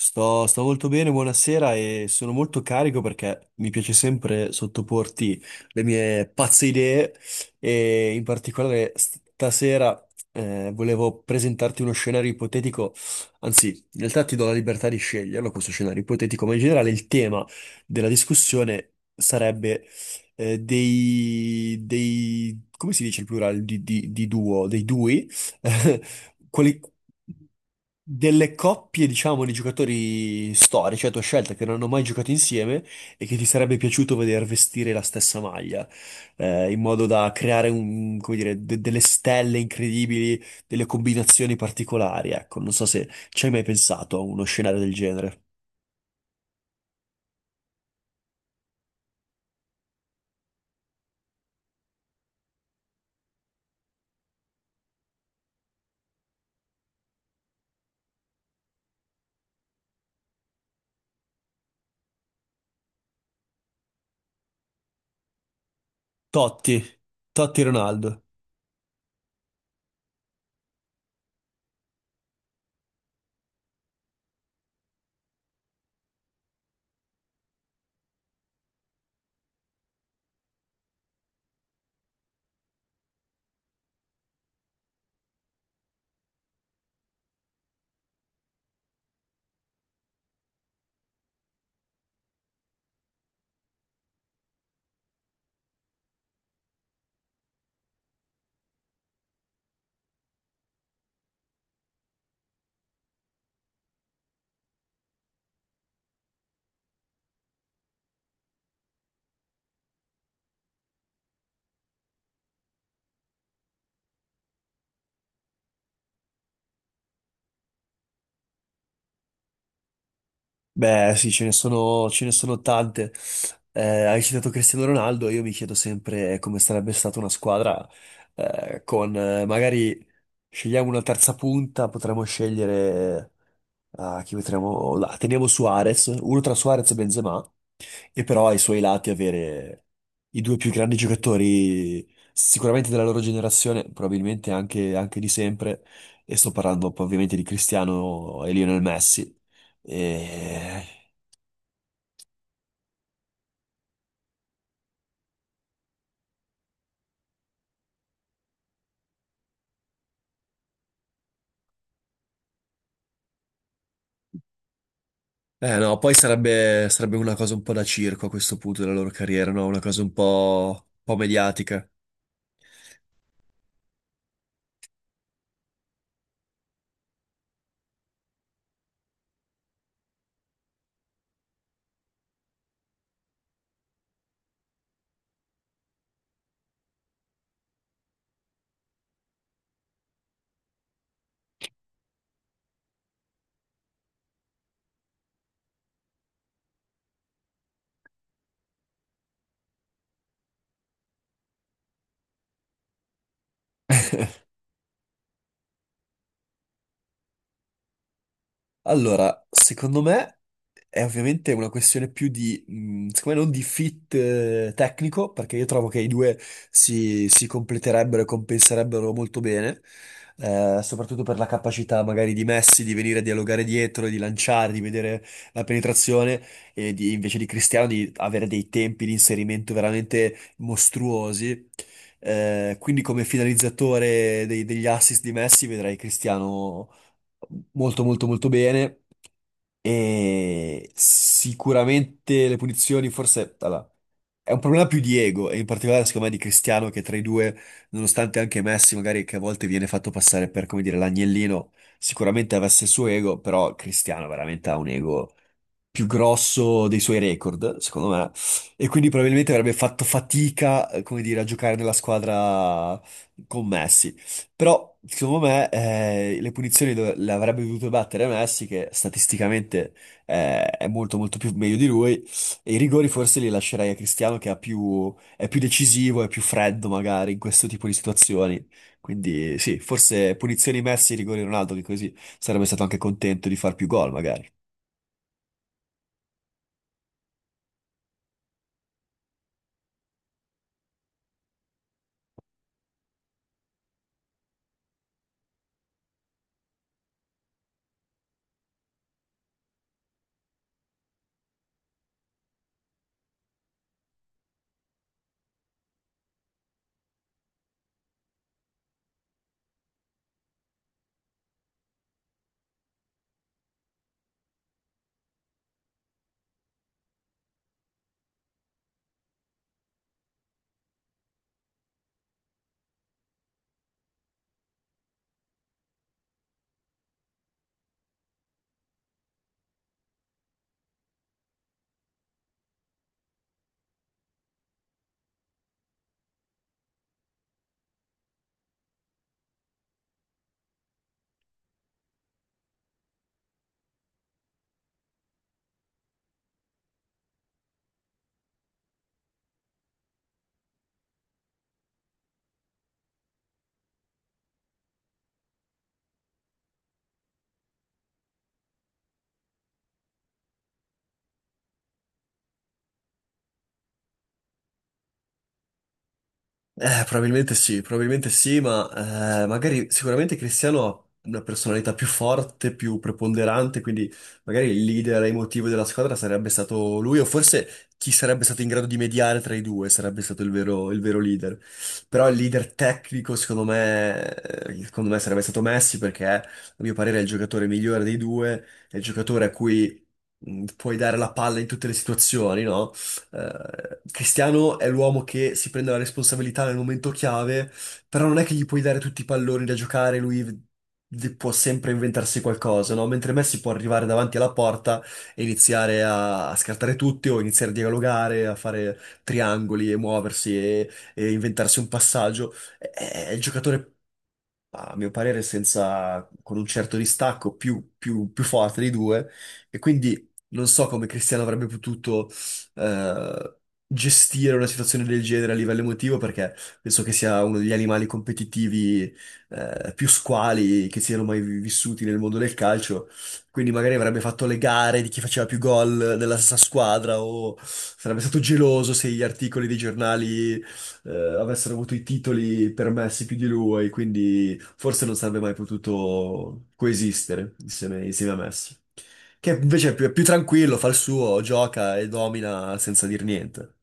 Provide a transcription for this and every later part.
Sto molto bene, buonasera e sono molto carico perché mi piace sempre sottoporti le mie pazze idee e in particolare stasera volevo presentarti uno scenario ipotetico, anzi, in realtà ti do la libertà di sceglierlo questo scenario ipotetico, ma in generale il tema della discussione sarebbe dei, come si dice il plurale di, di duo, dei dui? quali- delle coppie, diciamo, di giocatori storici a tua scelta che non hanno mai giocato insieme e che ti sarebbe piaciuto vedere vestire la stessa maglia, in modo da creare come dire, delle stelle incredibili, delle combinazioni particolari. Ecco, non so se ci hai mai pensato a uno scenario del genere. Totti, Totti Ronaldo. Beh, sì, ce ne sono tante. Eh, hai citato Cristiano Ronaldo, io mi chiedo sempre come sarebbe stata una squadra con magari scegliamo una terza punta, potremmo scegliere ah, chi metteremo là. Teniamo Suarez, uno tra Suarez e Benzema, e però ai suoi lati avere i due più grandi giocatori sicuramente della loro generazione, probabilmente anche, anche di sempre, e sto parlando poi ovviamente di Cristiano e Lionel Messi. E Eh no, poi sarebbe, sarebbe una cosa un po' da circo a questo punto della loro carriera, no? Una cosa un po' mediatica. Allora, secondo me è ovviamente una questione più di, secondo me non di fit tecnico, perché io trovo che i due si completerebbero e compenserebbero molto bene, soprattutto per la capacità magari di Messi di venire a dialogare dietro, di lanciare, di vedere la penetrazione, e invece di Cristiano di avere dei tempi di inserimento veramente mostruosi. Quindi come finalizzatore degli assist di Messi vedrai Cristiano molto molto molto bene e sicuramente le punizioni forse allora, è un problema più di ego e in particolare secondo me di Cristiano che tra i due, nonostante anche Messi magari che a volte viene fatto passare per come dire l'agnellino, sicuramente avesse il suo ego, però Cristiano veramente ha un ego più grosso dei suoi record, secondo me, e quindi probabilmente avrebbe fatto fatica, come dire, a giocare nella squadra con Messi. Però, secondo me, le punizioni le avrebbe dovute battere Messi, che statisticamente è molto molto più meglio di lui, e i rigori forse li lascerei a Cristiano, che è più decisivo, è più freddo magari in questo tipo di situazioni. Quindi sì, forse punizioni Messi, rigori Ronaldo, che così sarebbe stato anche contento di far più gol magari. Probabilmente sì, probabilmente sì, ma magari sicuramente Cristiano ha una personalità più forte, più preponderante, quindi magari il leader emotivo della squadra sarebbe stato lui, o forse chi sarebbe stato in grado di mediare tra i due sarebbe stato il vero leader. Però il leader tecnico, secondo me sarebbe stato Messi, perché a mio parere è il giocatore migliore dei due, è il giocatore a cui puoi dare la palla in tutte le situazioni, no? Cristiano è l'uomo che si prende la responsabilità nel momento chiave, però non è che gli puoi dare tutti i palloni da giocare, lui può sempre inventarsi qualcosa, no? Mentre Messi può arrivare davanti alla porta e iniziare a scartare tutti o iniziare a dialogare, a fare triangoli e muoversi e inventarsi un passaggio. È il giocatore a mio parere, senza, con un certo distacco più forte dei due, e quindi non so come Cristiano avrebbe potuto eh, gestire una situazione del genere a livello emotivo, perché penso che sia uno degli animali competitivi più squali che siano mai vissuti nel mondo del calcio, quindi magari avrebbe fatto le gare di chi faceva più gol della stessa squadra o sarebbe stato geloso se gli articoli dei giornali avessero avuto i titoli permessi più di lui, quindi forse non sarebbe mai potuto coesistere insieme, insieme a Messi. Che invece è più tranquillo, fa il suo, gioca e domina senza dir niente.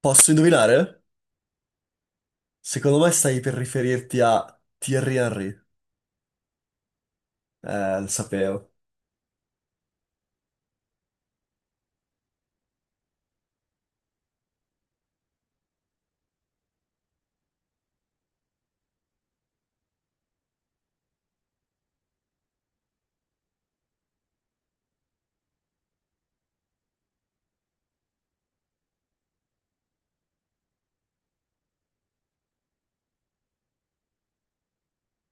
Posso indovinare? Secondo me stai per riferirti a Thierry Henry. Lo sapevo.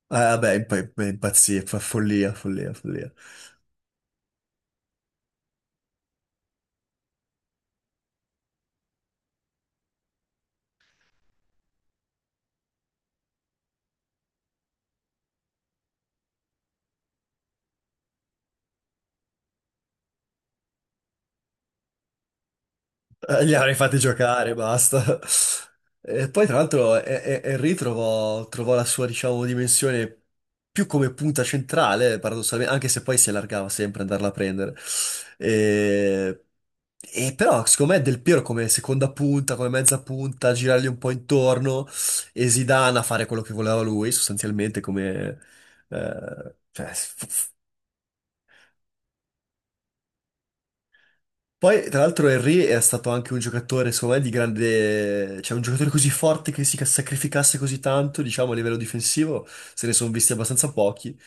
Vabbè, impazzì, fa follia, follia, follia. Li avrei fatti giocare, basta. E poi, tra l'altro, Henry trovò, trovò la sua, diciamo, dimensione più come punta centrale, paradossalmente, anche se poi si allargava sempre ad andarla a prendere. E, e però, secondo me, Del Piero come seconda punta, come mezza punta, girargli un po' intorno e Zidane a fare quello che voleva lui, sostanzialmente, come... eh, cioè, Poi, tra l'altro, Henry è stato anche un giocatore, secondo me, di grande... Cioè, un giocatore così forte che si sacrificasse così tanto, diciamo, a livello difensivo, se ne sono visti abbastanza pochi.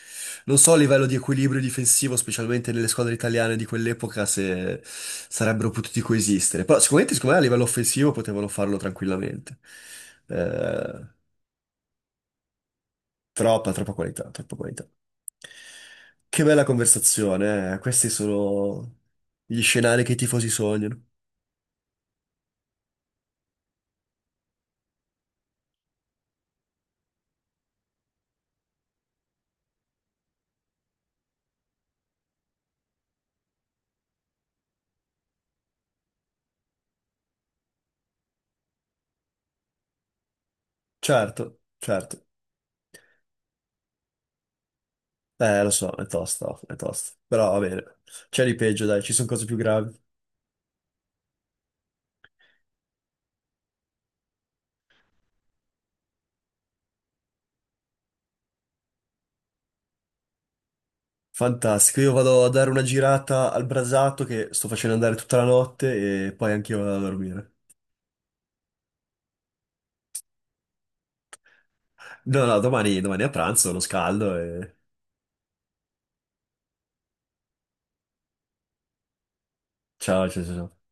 Non so a livello di equilibrio difensivo, specialmente nelle squadre italiane di quell'epoca, se sarebbero potuti coesistere. Però sicuramente, secondo me, a livello offensivo potevano farlo tranquillamente. Eh, troppa, troppa qualità, troppa qualità. Che bella conversazione, eh. Questi sono gli scenari che i tifosi sognano. Certo, certo. Lo so, è tosta, è tosta. Però va bene. C'è di peggio, dai, ci sono cose più gravi. Fantastico, io vado a dare una girata al brasato che sto facendo andare tutta la notte e poi anch'io vado a dormire. No, no, domani, domani a pranzo, lo scaldo e... Ciao, ciao, ciao, ciao.